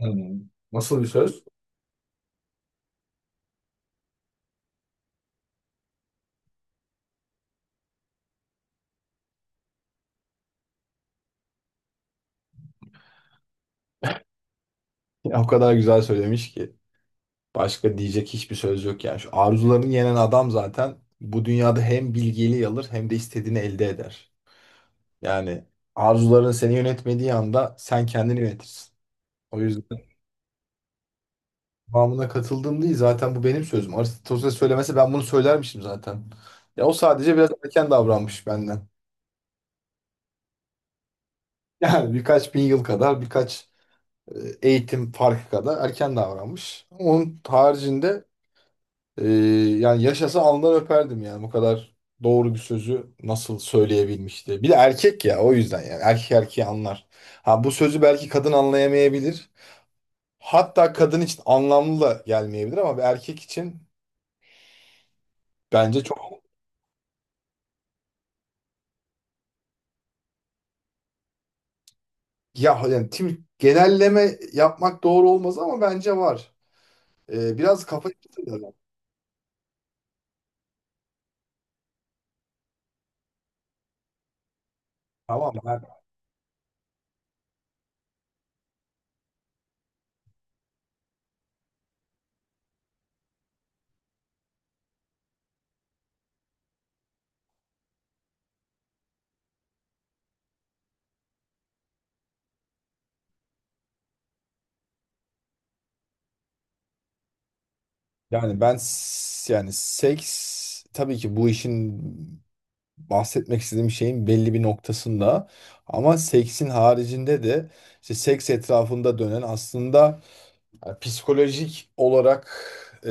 Hmm. Nasıl bir söz? Ya o kadar güzel söylemiş ki. Başka diyecek hiçbir söz yok yani. Şu arzularını yenen adam zaten bu dünyada hem bilgeliği alır hem de istediğini elde eder. Yani arzuların seni yönetmediği anda sen kendini yönetirsin. O yüzden tamamına katıldım değil zaten bu benim sözüm. Aristoteles söylemese ben bunu söylermişim zaten. Ya o sadece biraz erken davranmış benden. Yani birkaç bin yıl kadar birkaç eğitim farkı kadar erken davranmış. Onun haricinde Ee, yani yaşasa alnından öperdim yani bu kadar doğru bir sözü nasıl söyleyebilmişti. Bir de erkek ya o yüzden yani erkek erkeği anlar. Ha bu sözü belki kadın anlayamayabilir. Hatta kadın için anlamlı da gelmeyebilir ama bir erkek için bence çok ya yani tim genelleme yapmak doğru olmaz ama bence var. Biraz kafa yapısıyla- da- Tamam ben yani yani seks tabii ki bu işin bahsetmek istediğim şeyin belli bir noktasında ama seksin haricinde de işte seks etrafında dönen aslında yani psikolojik olarak e,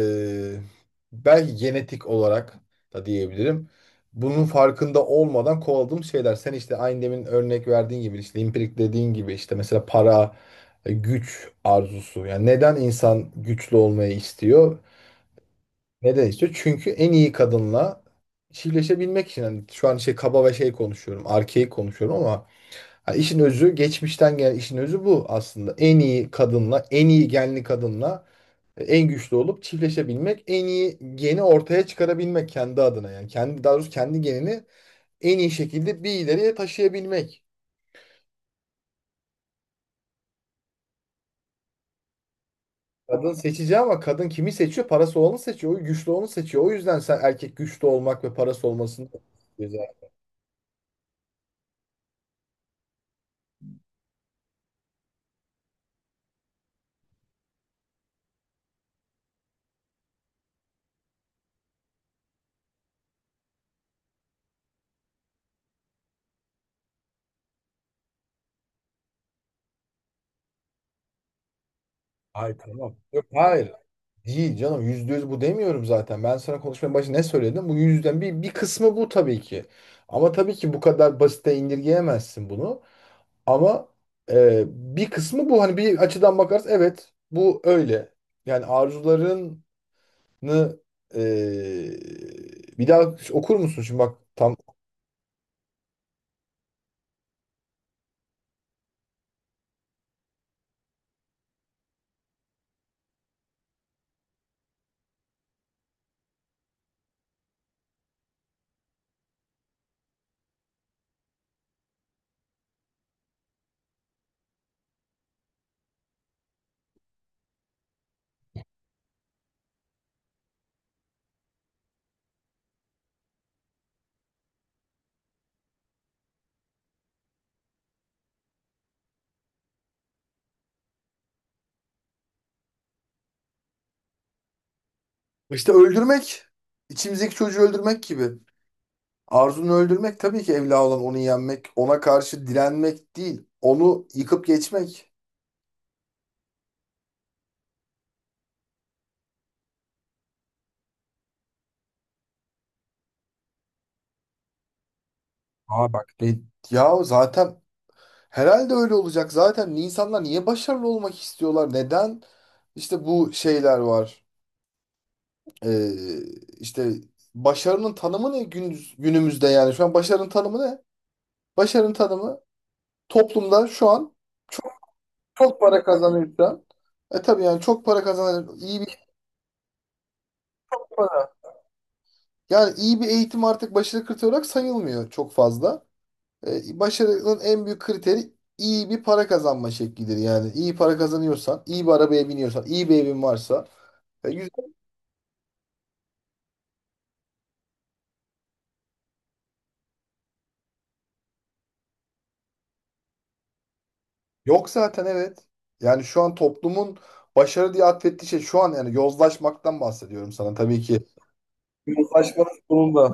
belki genetik olarak da diyebilirim. Bunun farkında olmadan kovaladığım şeyler. Sen işte aynı demin örnek verdiğin gibi işte impirik dediğin gibi işte mesela para, güç arzusu. Yani neden insan güçlü olmayı istiyor? Neden istiyor? Çünkü en iyi kadınla çiftleşebilmek için. Hani şu an şey kaba ve şey konuşuyorum. Arkeik konuşuyorum ama hani işin özü geçmişten gelen işin özü bu aslında. En iyi kadınla, en iyi genli kadınla en güçlü olup çiftleşebilmek, en iyi geni ortaya çıkarabilmek kendi adına yani. Kendi, daha doğrusu kendi genini en iyi şekilde bir ileriye taşıyabilmek. Kadın seçici ama kadın kimi seçiyor? Parası olanı seçiyor, o güçlü olanı seçiyor. O yüzden sen erkek güçlü olmak ve parası olmasını Ay tamam. Yok hayır. Değil canım %100 bu demiyorum zaten. Ben sana konuşmanın başında ne söyledim? Bu yüzden bir kısmı bu tabii ki. Ama tabii ki bu kadar basite indirgeyemezsin bunu. Ama bir kısmı bu. Hani bir açıdan bakarız evet bu öyle. Yani arzularını e, bir daha okur musun? Şimdi bak tam işte öldürmek içimizdeki çocuğu öldürmek gibi. Arzunu öldürmek tabii ki evla olan onu yenmek, ona karşı direnmek değil. Onu yıkıp geçmek. Aa bak de, ya zaten herhalde öyle olacak. Zaten insanlar niye başarılı olmak istiyorlar? Neden? İşte bu şeyler var. Ee, işte başarının tanımı ne günümüzde yani? Şu an başarının tanımı ne? Başarının tanımı toplumda şu an çok çok para kazanıyorsan e tabii yani çok para kazanan iyi bir para. Yani iyi bir eğitim artık başarı kriteri olarak sayılmıyor çok fazla. E, başarının en büyük kriteri iyi bir para kazanma şeklidir. Yani iyi para kazanıyorsan, iyi bir arabaya biniyorsan, iyi bir evin varsa güzel. Yok zaten evet. Yani şu an toplumun başarı diye atfettiği şey şu an yani yozlaşmaktan bahsediyorum sana tabii ki. Yozlaşmanın sonunda.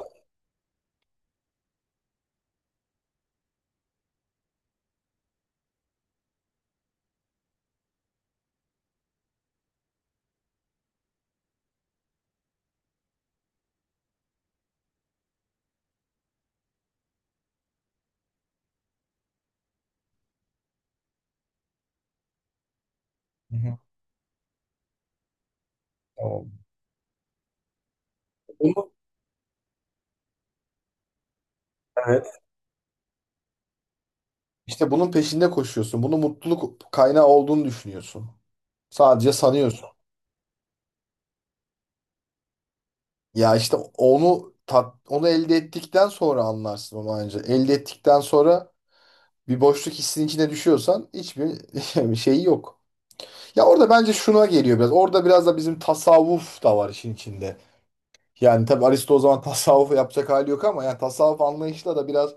Hı hı. Tamam. Bunu, evet. İşte bunun peşinde koşuyorsun. Bunu mutluluk kaynağı olduğunu düşünüyorsun. Sadece sanıyorsun. Ya işte onu elde ettikten sonra anlarsın onu anca. Elde ettikten sonra bir boşluk hissinin içine düşüyorsan hiçbir şeyi yok. Ya orada bence şuna geliyor biraz. Orada biraz da bizim tasavvuf da var işin içinde. Yani tabii Aristo o zaman tasavvuf yapacak hali yok ama yani tasavvuf anlayışla da biraz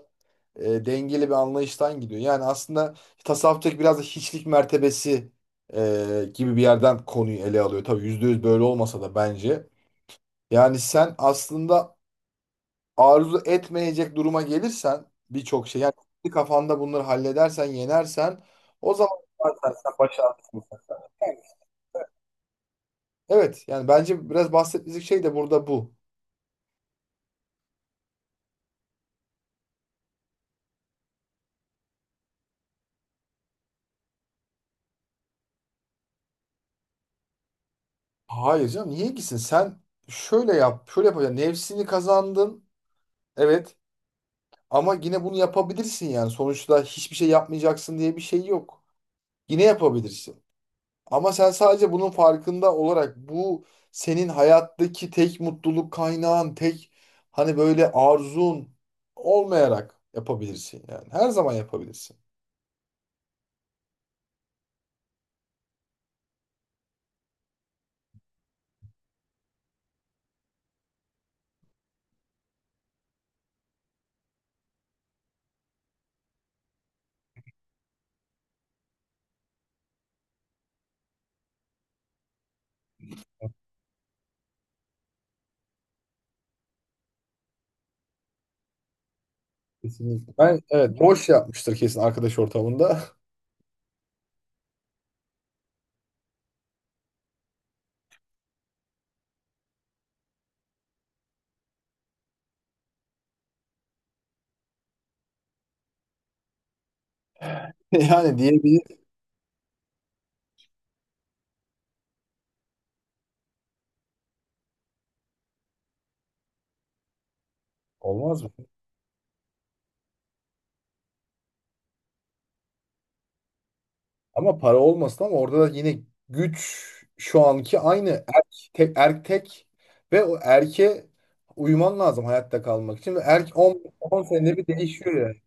dengeli bir anlayıştan gidiyor. Yani aslında tasavvuftaki biraz da hiçlik mertebesi gibi bir yerden konuyu ele alıyor. Tabii yüzde yüz böyle olmasa da bence. Yani sen aslında arzu etmeyecek duruma gelirsen birçok şey yani kafanda bunları halledersen yenersen o zaman zaten sen başardın. Evet yani bence biraz bahsettiğimiz şey de burada bu. Hayır canım niye gitsin sen şöyle yap şöyle yapacaksın nefsini kazandın evet ama yine bunu yapabilirsin yani sonuçta hiçbir şey yapmayacaksın diye bir şey yok. Yine yapabilirsin. Ama sen sadece bunun farkında olarak bu senin hayattaki tek mutluluk kaynağın, tek hani böyle arzun olmayarak yapabilirsin yani. Her zaman yapabilirsin. Kesinlikle. Ben evet boş yapmıştır kesin arkadaş ortamında. Yani diyebilir. Olmaz mı? Ama para olmasın ama orada da yine güç şu anki aynı erk tek ve o erke uyman lazım hayatta kalmak için. Ve erk 10 senede bir değişiyor yani.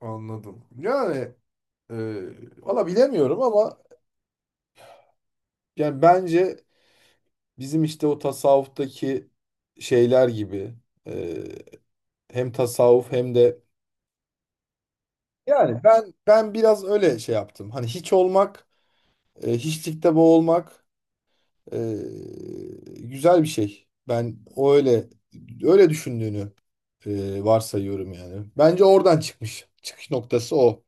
Anladım. Yani Ee, valla bilemiyorum ama yani bence bizim işte o tasavvuftaki şeyler gibi e, hem tasavvuf hem de yani ben biraz öyle şey yaptım. Hani hiç olmak, hiçlikte boğulmak e, güzel bir şey. Ben o öyle düşündüğünü varsayıyorum yani. Bence oradan çıkmış. Çıkış noktası o.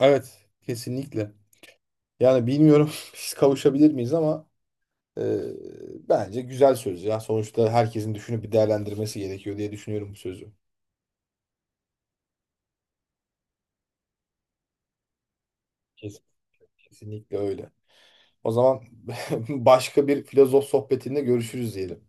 Evet, kesinlikle. Yani bilmiyorum biz kavuşabilir miyiz ama Ee, bence güzel söz ya. Sonuçta herkesin düşünüp bir değerlendirmesi gerekiyor diye düşünüyorum bu sözü. Kes- Kesinlikle öyle. O zaman başka bir filozof sohbetinde görüşürüz diyelim.